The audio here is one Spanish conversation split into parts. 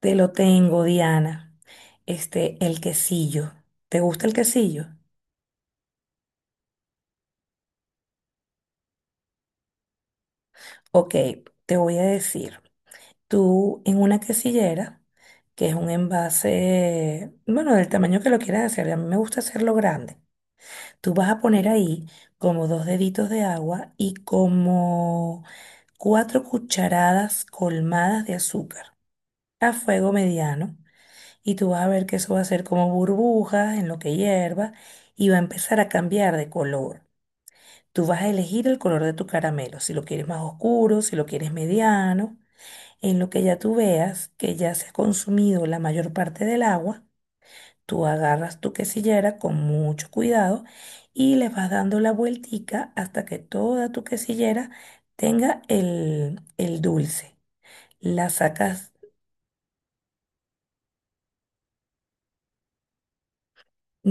Te lo tengo, Diana. El quesillo. ¿Te gusta el quesillo? Ok, te voy a decir. Tú en una quesillera, que es un envase, bueno, del tamaño que lo quieras hacer, a mí me gusta hacerlo grande. Tú vas a poner ahí como dos deditos de agua y como cuatro cucharadas colmadas de azúcar a fuego mediano. Y tú vas a ver que eso va a ser como burbujas en lo que hierva y va a empezar a cambiar de color. Tú vas a elegir el color de tu caramelo, si lo quieres más oscuro, si lo quieres mediano. En lo que ya tú veas que ya se ha consumido la mayor parte del agua, tú agarras tu quesillera con mucho cuidado y le vas dando la vueltica hasta que toda tu quesillera tenga el dulce. La sacas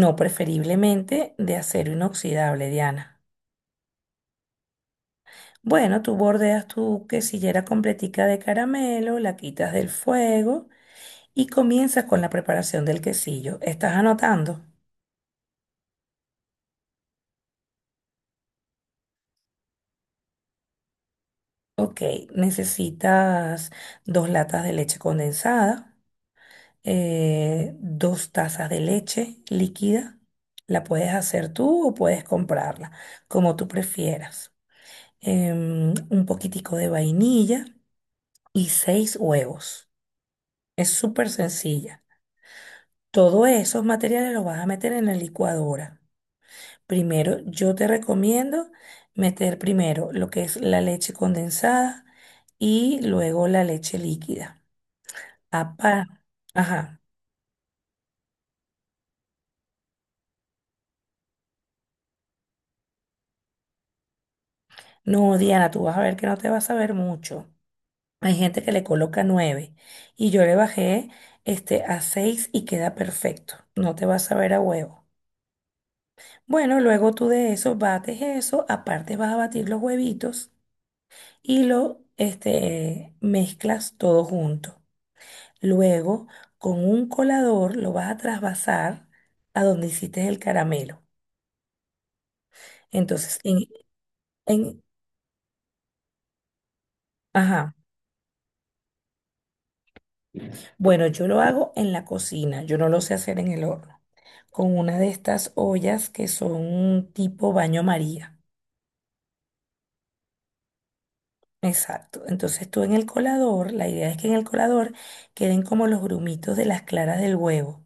no preferiblemente de acero inoxidable, Diana. Bueno, tú bordeas tu quesillera completica de caramelo, la quitas del fuego y comienzas con la preparación del quesillo. ¿Estás anotando? Ok, necesitas dos latas de leche condensada, dos tazas de leche líquida. La puedes hacer tú o puedes comprarla, como tú prefieras. Un poquitico de vainilla y seis huevos. Es súper sencilla. Todos esos materiales los vas a meter en la licuadora. Primero, yo te recomiendo meter primero lo que es la leche condensada y luego la leche líquida. Aparte, ajá. No, Diana, tú vas a ver que no te vas a ver mucho. Hay gente que le coloca nueve y yo le bajé a seis y queda perfecto. No te vas a ver a huevo. Bueno, luego tú de eso bates eso, aparte vas a batir los huevitos y mezclas todo junto. Luego, con un colador lo vas a trasvasar a donde hiciste el caramelo. Entonces, en- ajá. Bueno, yo lo hago en la cocina, yo no lo sé hacer en el horno. Con una de estas ollas que son tipo baño María. Exacto. Entonces tú en el colador, la idea es que en el colador queden como los grumitos de las claras del huevo.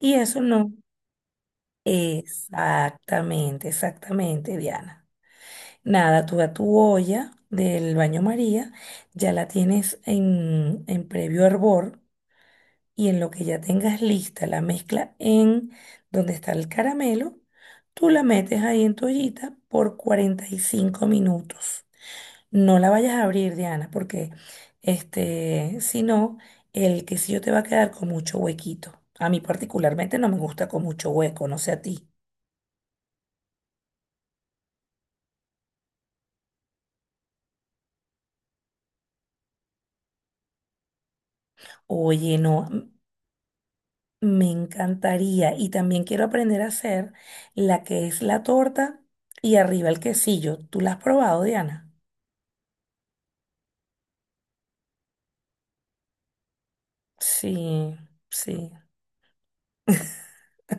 Y eso no. Exactamente, exactamente, Diana. Nada, tú a tu olla del baño María, ya la tienes en previo hervor y en lo que ya tengas lista la mezcla en donde está el caramelo, tú la metes ahí en tu ollita por 45 minutos. No la vayas a abrir, Diana, porque si no, el quesillo te va a quedar con mucho huequito. A mí particularmente no me gusta con mucho hueco, no sé a ti. Oye, no. Me encantaría. Y también quiero aprender a hacer la que es la torta y arriba el quesillo. ¿Tú la has probado, Diana? Sí, sí.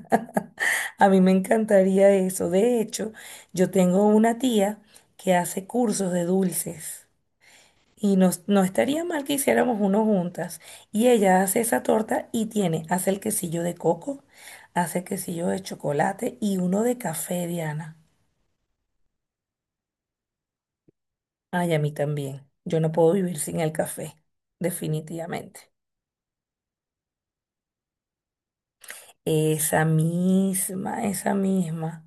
A mí me encantaría eso. De hecho, yo tengo una tía que hace cursos de dulces y nos, no estaría mal que hiciéramos uno juntas. Y ella hace esa torta y tiene, hace el quesillo de coco, hace el quesillo de chocolate y uno de café, Diana. Ay, a mí también. Yo no puedo vivir sin el café, definitivamente. Esa misma, esa misma.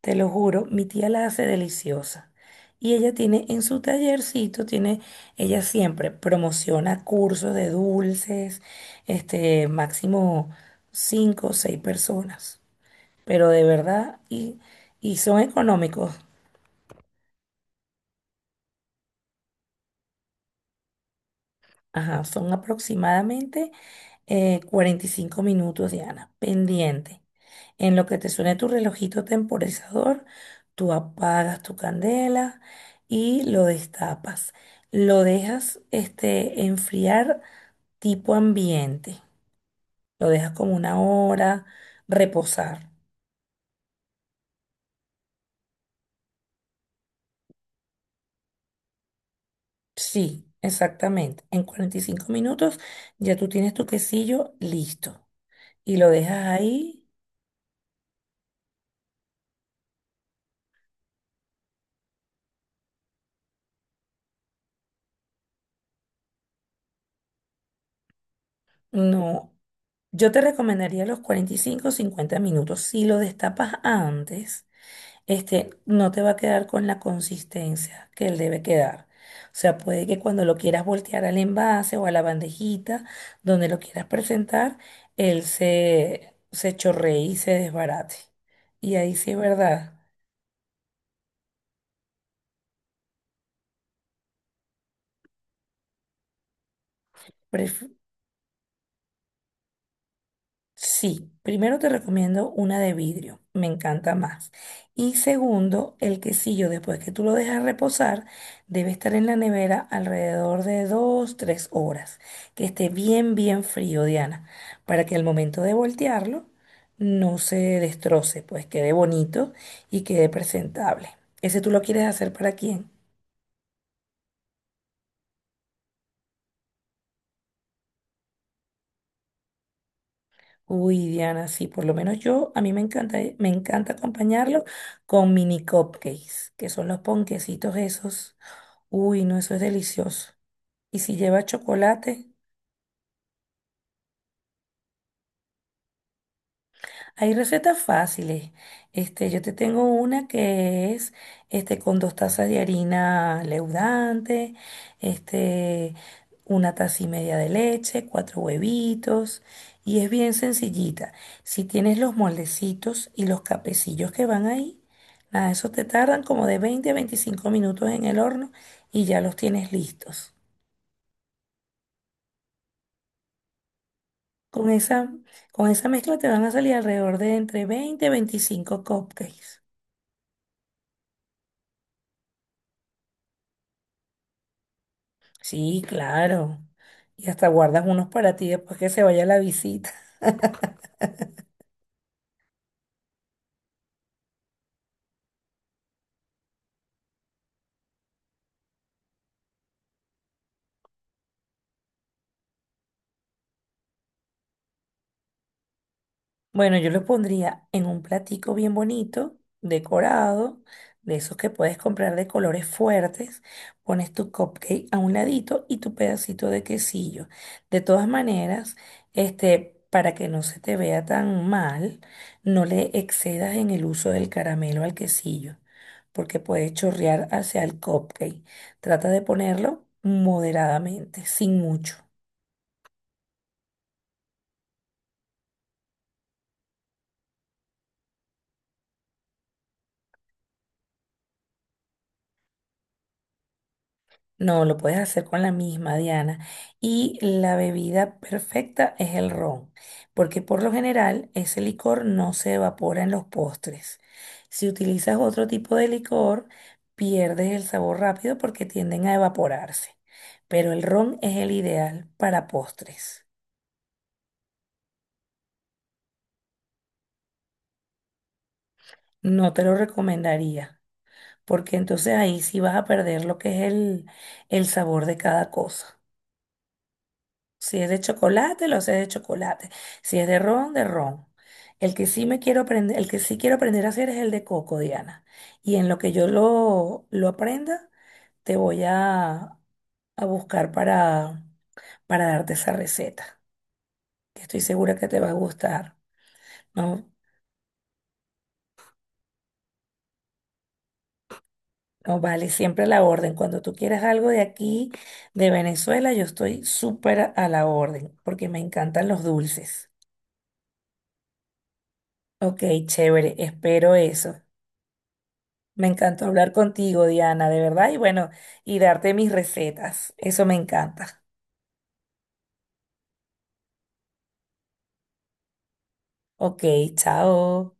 Te lo juro, mi tía la hace deliciosa. Y ella tiene en su tallercito, tiene, ella siempre promociona cursos de dulces, máximo cinco o seis personas. Pero de verdad, y, son económicos. Ajá, son aproximadamente 45 minutos, Diana, pendiente. En lo que te suene tu relojito temporizador, tú apagas tu candela y lo destapas. Lo dejas enfriar tipo ambiente. Lo dejas como una hora, reposar. Sí, exactamente. En 45 minutos ya tú tienes tu quesillo listo. Y lo dejas ahí. No, yo te recomendaría los 45 o 50 minutos. Si lo destapas antes, no te va a quedar con la consistencia que él debe quedar. O sea, puede que cuando lo quieras voltear al envase o a la bandejita donde lo quieras presentar, él se chorree y se desbarate. Y ahí sí es verdad. Sí, primero te recomiendo una de vidrio, me encanta más. Y segundo, el quesillo, después que tú lo dejas reposar, debe estar en la nevera alrededor de dos, tres horas, que esté bien, bien frío, Diana, para que al momento de voltearlo no se destroce, pues quede bonito y quede presentable. ¿Ese tú lo quieres hacer para quién? Uy, Diana, sí, por lo menos yo, a mí me encanta acompañarlo con mini cupcakes, que son los ponquecitos esos. Uy, no, eso es delicioso. Y si lleva chocolate. Hay recetas fáciles. Yo te tengo una que es con dos tazas de harina leudante, este, una taza y media de leche, cuatro huevitos. Y es bien sencillita. Si tienes los moldecitos y los capecillos que van ahí, nada, esos te tardan como de 20 a 25 minutos en el horno y ya los tienes listos. Con esa, con esa mezcla te van a salir alrededor de entre 20 a 25 cupcakes. Sí, claro. Y hasta guardas unos para ti después que se vaya la visita. Bueno, yo lo pondría en un platico bien bonito, decorado, de esos que puedes comprar de colores fuertes. Pones tu cupcake a un ladito y tu pedacito de quesillo. De todas maneras, para que no se te vea tan mal, no le excedas en el uso del caramelo al quesillo, porque puede chorrear hacia el cupcake. Trata de ponerlo moderadamente, sin mucho. No, lo puedes hacer con la misma, Diana. Y la bebida perfecta es el ron, porque por lo general ese licor no se evapora en los postres. Si utilizas otro tipo de licor, pierdes el sabor rápido porque tienden a evaporarse. Pero el ron es el ideal para postres. No te lo recomendaría, porque entonces ahí sí vas a perder lo que es el sabor de cada cosa. Si es de chocolate, lo sé de chocolate. Si es de ron, de ron. El que sí me quiero aprender, el que sí quiero aprender a hacer es el de coco, Diana. Y en lo que yo lo aprenda, te voy a buscar para darte esa receta, que estoy segura que te va a gustar. No, no vale, siempre a la orden. Cuando tú quieras algo de aquí, de Venezuela, yo estoy súper a la orden, porque me encantan los dulces. Ok, chévere, espero eso. Me encantó hablar contigo, Diana, de verdad. Y bueno, y darte mis recetas. Eso me encanta. Ok, chao.